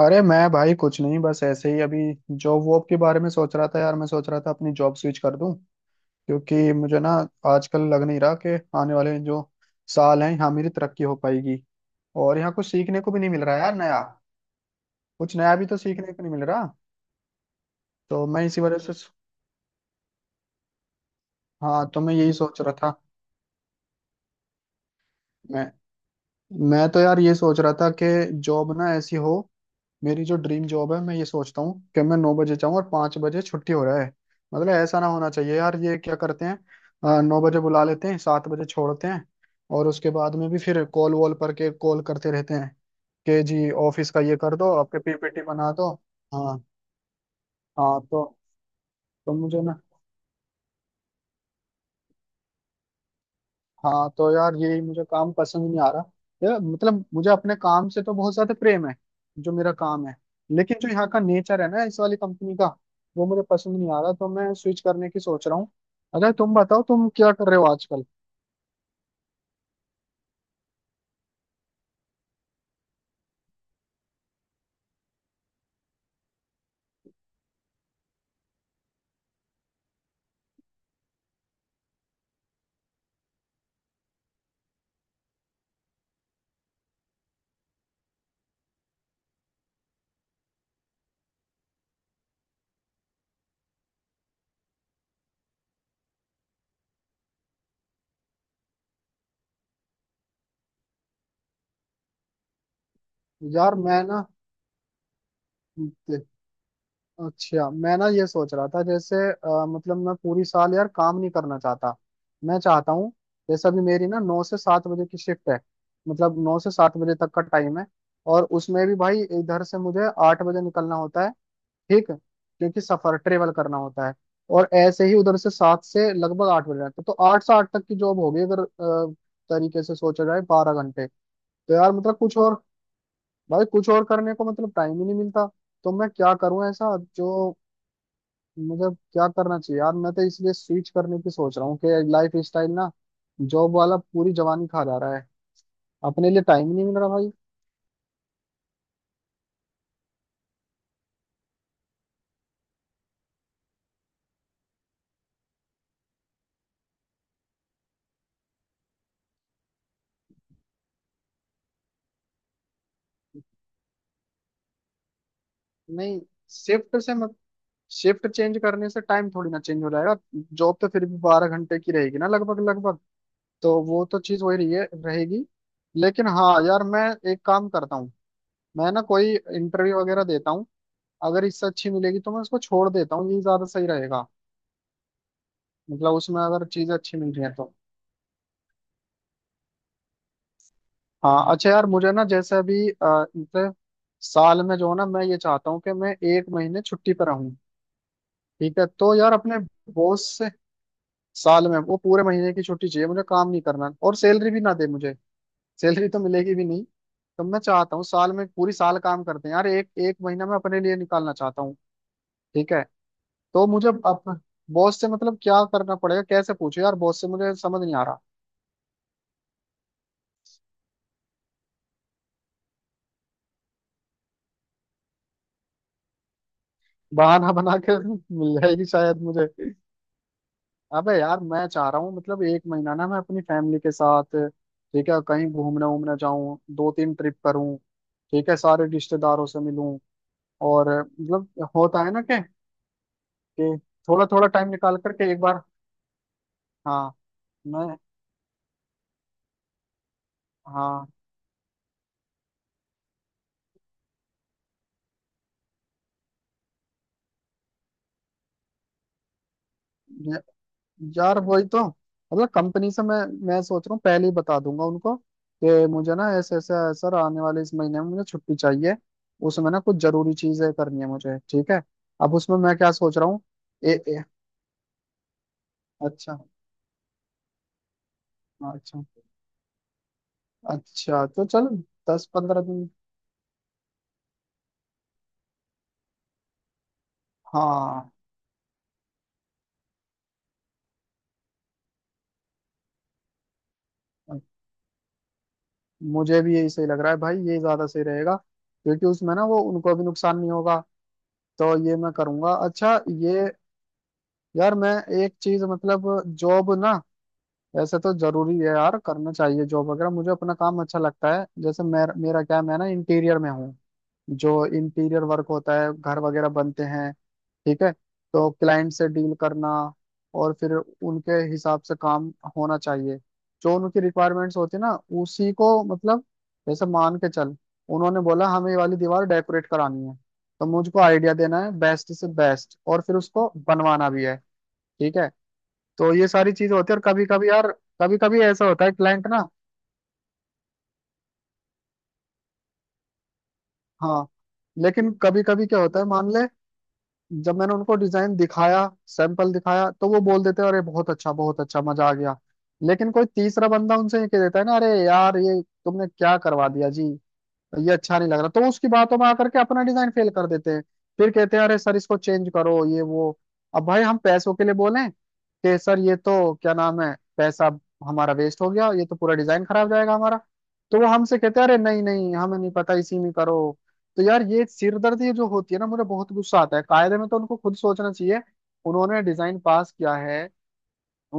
अरे मैं भाई कुछ नहीं, बस ऐसे ही अभी जॉब वॉब के बारे में सोच रहा था यार। मैं सोच रहा था अपनी जॉब स्विच कर दूं, क्योंकि मुझे ना आजकल लग नहीं रहा कि आने वाले जो साल हैं यहाँ मेरी तरक्की हो पाएगी। और यहाँ कुछ सीखने को भी नहीं मिल रहा यार, नया कुछ नया भी तो सीखने को नहीं मिल रहा। तो मैं इसी वजह से, हाँ तो मैं यही सोच रहा था। मैं मैं तो यार ये सोच रहा था कि जॉब ना ऐसी हो, मेरी जो ड्रीम जॉब है मैं ये सोचता हूँ कि मैं 9 बजे जाऊँ और 5 बजे छुट्टी हो रहा है। मतलब ऐसा ना होना चाहिए यार, ये क्या करते हैं, 9 बजे बुला लेते हैं 7 बजे छोड़ते हैं। और उसके बाद में भी फिर कॉल वॉल पर के कॉल करते रहते हैं कि जी ऑफिस का ये कर दो, आपके पीपीटी बना दो। हाँ। हाँ तो मुझे ना, हाँ तो यार यही मुझे काम पसंद नहीं आ रहा। यार मतलब मुझे अपने काम से तो बहुत ज्यादा प्रेम है, जो मेरा काम है। लेकिन जो यहाँ का नेचर है ना इस वाली कंपनी का, वो मुझे पसंद नहीं आ रहा, तो मैं स्विच करने की सोच रहा हूँ। अगर तुम बताओ, तुम क्या कर रहे हो आजकल। यार मैं ना, अच्छा मैं ना ये सोच रहा था जैसे, मतलब मैं पूरी साल यार काम नहीं करना चाहता। मैं चाहता हूँ, जैसे अभी मेरी ना 9 से 7 बजे की शिफ्ट है, मतलब 9 से 7 बजे तक का टाइम है। और उसमें भी भाई इधर से मुझे 8 बजे निकलना होता है, ठीक है? क्योंकि सफर ट्रेवल करना होता है। और ऐसे ही उधर से 7 से लगभग 8 बजे तक, तो 8 से 8 तक की जॉब होगी, अगर तरीके से सोचा जाए 12 घंटे। तो यार मतलब कुछ और, भाई कुछ और करने को मतलब टाइम ही नहीं मिलता। तो मैं क्या करूं ऐसा जो, मुझे क्या करना चाहिए यार, मैं तो इसलिए स्विच करने की सोच रहा हूँ कि लाइफ स्टाइल ना, जॉब वाला पूरी जवानी खा जा रहा है, अपने लिए टाइम ही नहीं मिल रहा भाई। नहीं, शिफ्ट से मत, शिफ्ट चेंज करने से टाइम थोड़ी ना चेंज हो जाएगा। जॉब तो फिर भी 12 घंटे की रहेगी ना, लगभग लगभग। तो वो तो चीज वही रही है, रहेगी। लेकिन हाँ यार मैं एक काम करता हूँ, मैं ना कोई इंटरव्यू वगैरह देता हूँ। अगर इससे अच्छी मिलेगी तो मैं उसको छोड़ देता हूँ, ये ज्यादा सही रहेगा। मतलब उसमें अगर चीज अच्छी मिल रही है तो। हाँ अच्छा यार मुझे ना, जैसे अभी मतलब साल में जो है ना, मैं ये चाहता हूँ कि मैं एक महीने छुट्टी पर रहूँ। ठीक है, तो यार अपने बॉस से, साल में वो पूरे महीने की छुट्टी चाहिए, मुझे काम नहीं करना और सैलरी भी ना दे मुझे, सैलरी तो मिलेगी भी नहीं। तो मैं चाहता हूँ साल में, पूरी साल काम करते हैं यार, एक एक महीना मैं अपने लिए निकालना चाहता हूँ, ठीक है। तो मुझे अब बॉस से मतलब क्या करना पड़ेगा, कैसे पूछे यार बॉस से, मुझे समझ नहीं आ रहा। बहाना बना के मिल जाएगी शायद मुझे। अबे यार मैं चाह रहा हूँ मतलब एक महीना ना मैं अपनी फैमिली के साथ, ठीक है, कहीं घूमने वूमने जाऊं, दो तीन ट्रिप करूं, ठीक है, सारे रिश्तेदारों से मिलूं। और मतलब होता है ना कि, कि थोड़ा थोड़ा टाइम निकाल करके एक बार। हाँ। मैं। हाँ। य- यार वही तो, मतलब कंपनी से मैं सोच रहा हूँ पहले ही बता दूंगा उनको कि मुझे ना ऐसे ऐसे सर आने वाले इस महीने में मुझे छुट्टी चाहिए, उसमें ना कुछ जरूरी चीजें करनी है मुझे, ठीक है। अब उसमें मैं क्या सोच रहा हूँ। ए, ए, अच्छा। अच्छा। अच्छा तो चलो 10 15 दिन। हाँ मुझे भी यही सही लग रहा है भाई, ये ज्यादा सही रहेगा। क्योंकि उसमें ना वो उनको भी नुकसान नहीं होगा। तो ये मैं करूँगा, अच्छा। ये यार मैं एक चीज मतलब, जॉब ना वैसे तो जरूरी है यार, करना चाहिए जॉब वगैरह, मुझे अपना काम अच्छा लगता है। जैसे मेरा क्या है, मैं ना इंटीरियर में हूँ, जो इंटीरियर वर्क होता है, घर वगैरह बनते हैं, ठीक है। तो क्लाइंट से डील करना, और फिर उनके हिसाब से काम होना चाहिए। जो उनकी रिक्वायरमेंट्स होती है ना, उसी को मतलब, जैसे मान के चल उन्होंने बोला हमें ये वाली दीवार डेकोरेट करानी है, तो मुझको आइडिया देना है बेस्ट से बेस्ट और फिर उसको बनवाना भी है, ठीक है। तो ये सारी चीजें होती है, और कभी कभी यार, कभी कभी ऐसा होता है क्लाइंट ना, हाँ, लेकिन कभी कभी क्या होता है, मान ले जब मैंने उनको डिजाइन दिखाया, सैंपल दिखाया तो वो बोल देते हैं अरे बहुत अच्छा, बहुत अच्छा, मजा आ गया। लेकिन कोई तीसरा बंदा उनसे ये कह देता है ना, अरे यार ये तुमने क्या करवा दिया जी, ये अच्छा नहीं लग रहा, तो उसकी बातों में आकर के अपना डिजाइन फेल कर देते हैं। फिर कहते हैं अरे सर इसको चेंज करो, ये वो। अब भाई हम पैसों के लिए बोलें कि सर ये तो क्या नाम है, पैसा हमारा वेस्ट हो गया, ये तो पूरा डिजाइन खराब जाएगा हमारा। तो वो हमसे कहते हैं अरे नहीं नहीं, हमें नहीं पता, इसी में करो। तो यार ये सिरदर्दी जो होती है ना, मुझे बहुत गुस्सा आता है, कायदे में तो उनको खुद सोचना चाहिए। उन्होंने डिजाइन पास किया है,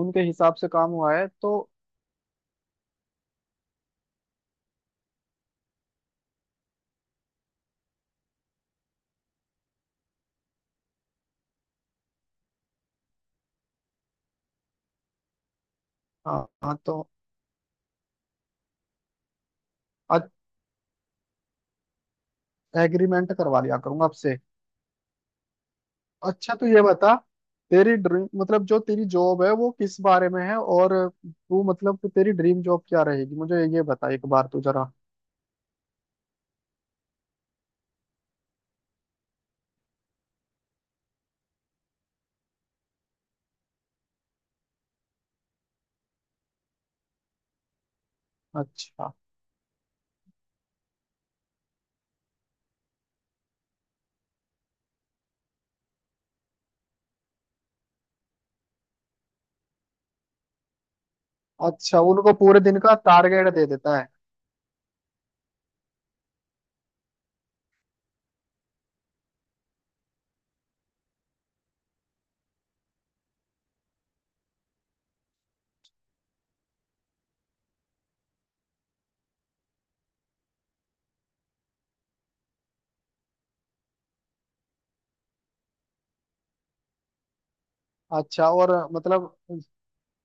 उनके हिसाब से काम हुआ है तो। हाँ हाँ, तो एग्रीमेंट करवा लिया करूंगा आपसे। अच्छा तो ये बता, तेरी ड्रीम मतलब जो तेरी जॉब है वो किस बारे में है, और तू मतलब कि तेरी ड्रीम जॉब क्या रहेगी, मुझे ये बता एक बार तू जरा। अच्छा। अच्छा उनको पूरे दिन का टारगेट दे देता है। अच्छा और मतलब,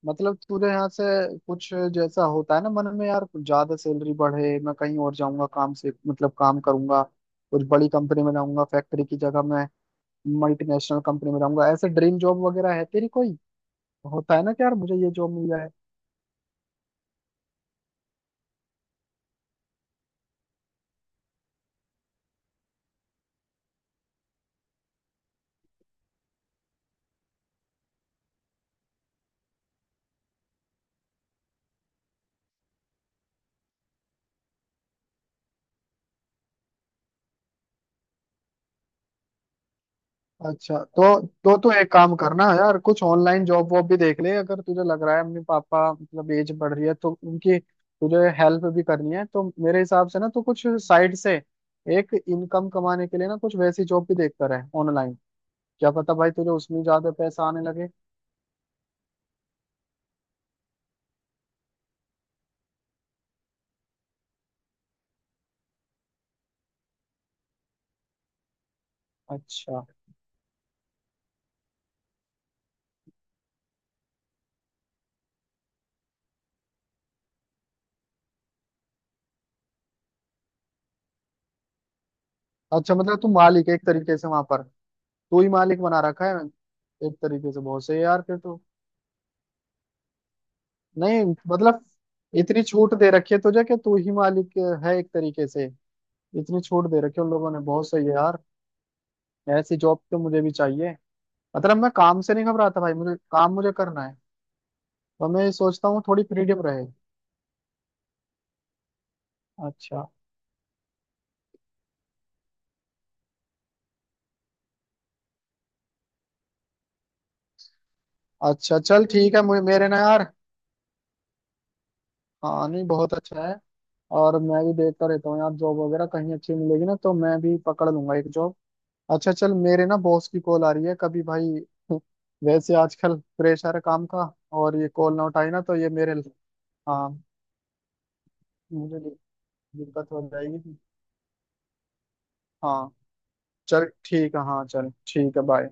मतलब तुझे यहाँ से कुछ, जैसा होता है ना मन में यार, कुछ ज्यादा सैलरी बढ़े मैं कहीं और जाऊंगा काम से, मतलब काम करूंगा कुछ बड़ी कंपनी में रहूंगा फैक्ट्री की जगह, मैं मल्टीनेशनल कंपनी में रहूंगा, ऐसे ड्रीम जॉब वगैरह है तेरी कोई, होता है ना कि यार मुझे ये जॉब मिल जाए। अच्छा तो एक काम करना यार, कुछ ऑनलाइन जॉब वॉब भी देख ले। अगर तुझे लग रहा है अपने पापा मतलब एज बढ़ रही है तो उनकी तुझे हेल्प भी करनी है, तो मेरे हिसाब से ना, तो कुछ साइड से एक इनकम कमाने के लिए ना, कुछ वैसी जॉब भी देखता रहे ऑनलाइन। क्या पता भाई तुझे उसमें ज्यादा पैसा आने लगे। अच्छा। अच्छा मतलब तू मालिक है एक तरीके से वहां पर, तू ही मालिक बना रखा है एक तरीके से, बहुत सही है यार फिर तो। नहीं मतलब, इतनी छूट दे रखी है तुझे कि तू ही मालिक है एक तरीके से, इतनी छूट दे रखी है उन लोगों ने, बहुत सही है यार। ऐसी जॉब तो मुझे भी चाहिए। मतलब मैं काम से नहीं घबराता भाई, मुझे काम मुझे करना है, तो मैं ये सोचता हूँ थोड़ी फ्रीडम रहे। अच्छा। अच्छा चल ठीक है, मुझे मेरे ना यार, हाँ नहीं बहुत अच्छा है। और मैं भी देखता रहता हूँ यार, जॉब वगैरह कहीं अच्छी मिलेगी ना तो मैं भी पकड़ लूंगा एक जॉब। अच्छा चल, मेरे ना बॉस की कॉल आ रही है कभी भाई वैसे आजकल प्रेशर है काम का। और ये कॉल ना उठाई ना तो ये मेरे, हाँ, मुझे दिक्कत हो जाएगी। हाँ चल ठीक है, हाँ चल ठीक है, बाय।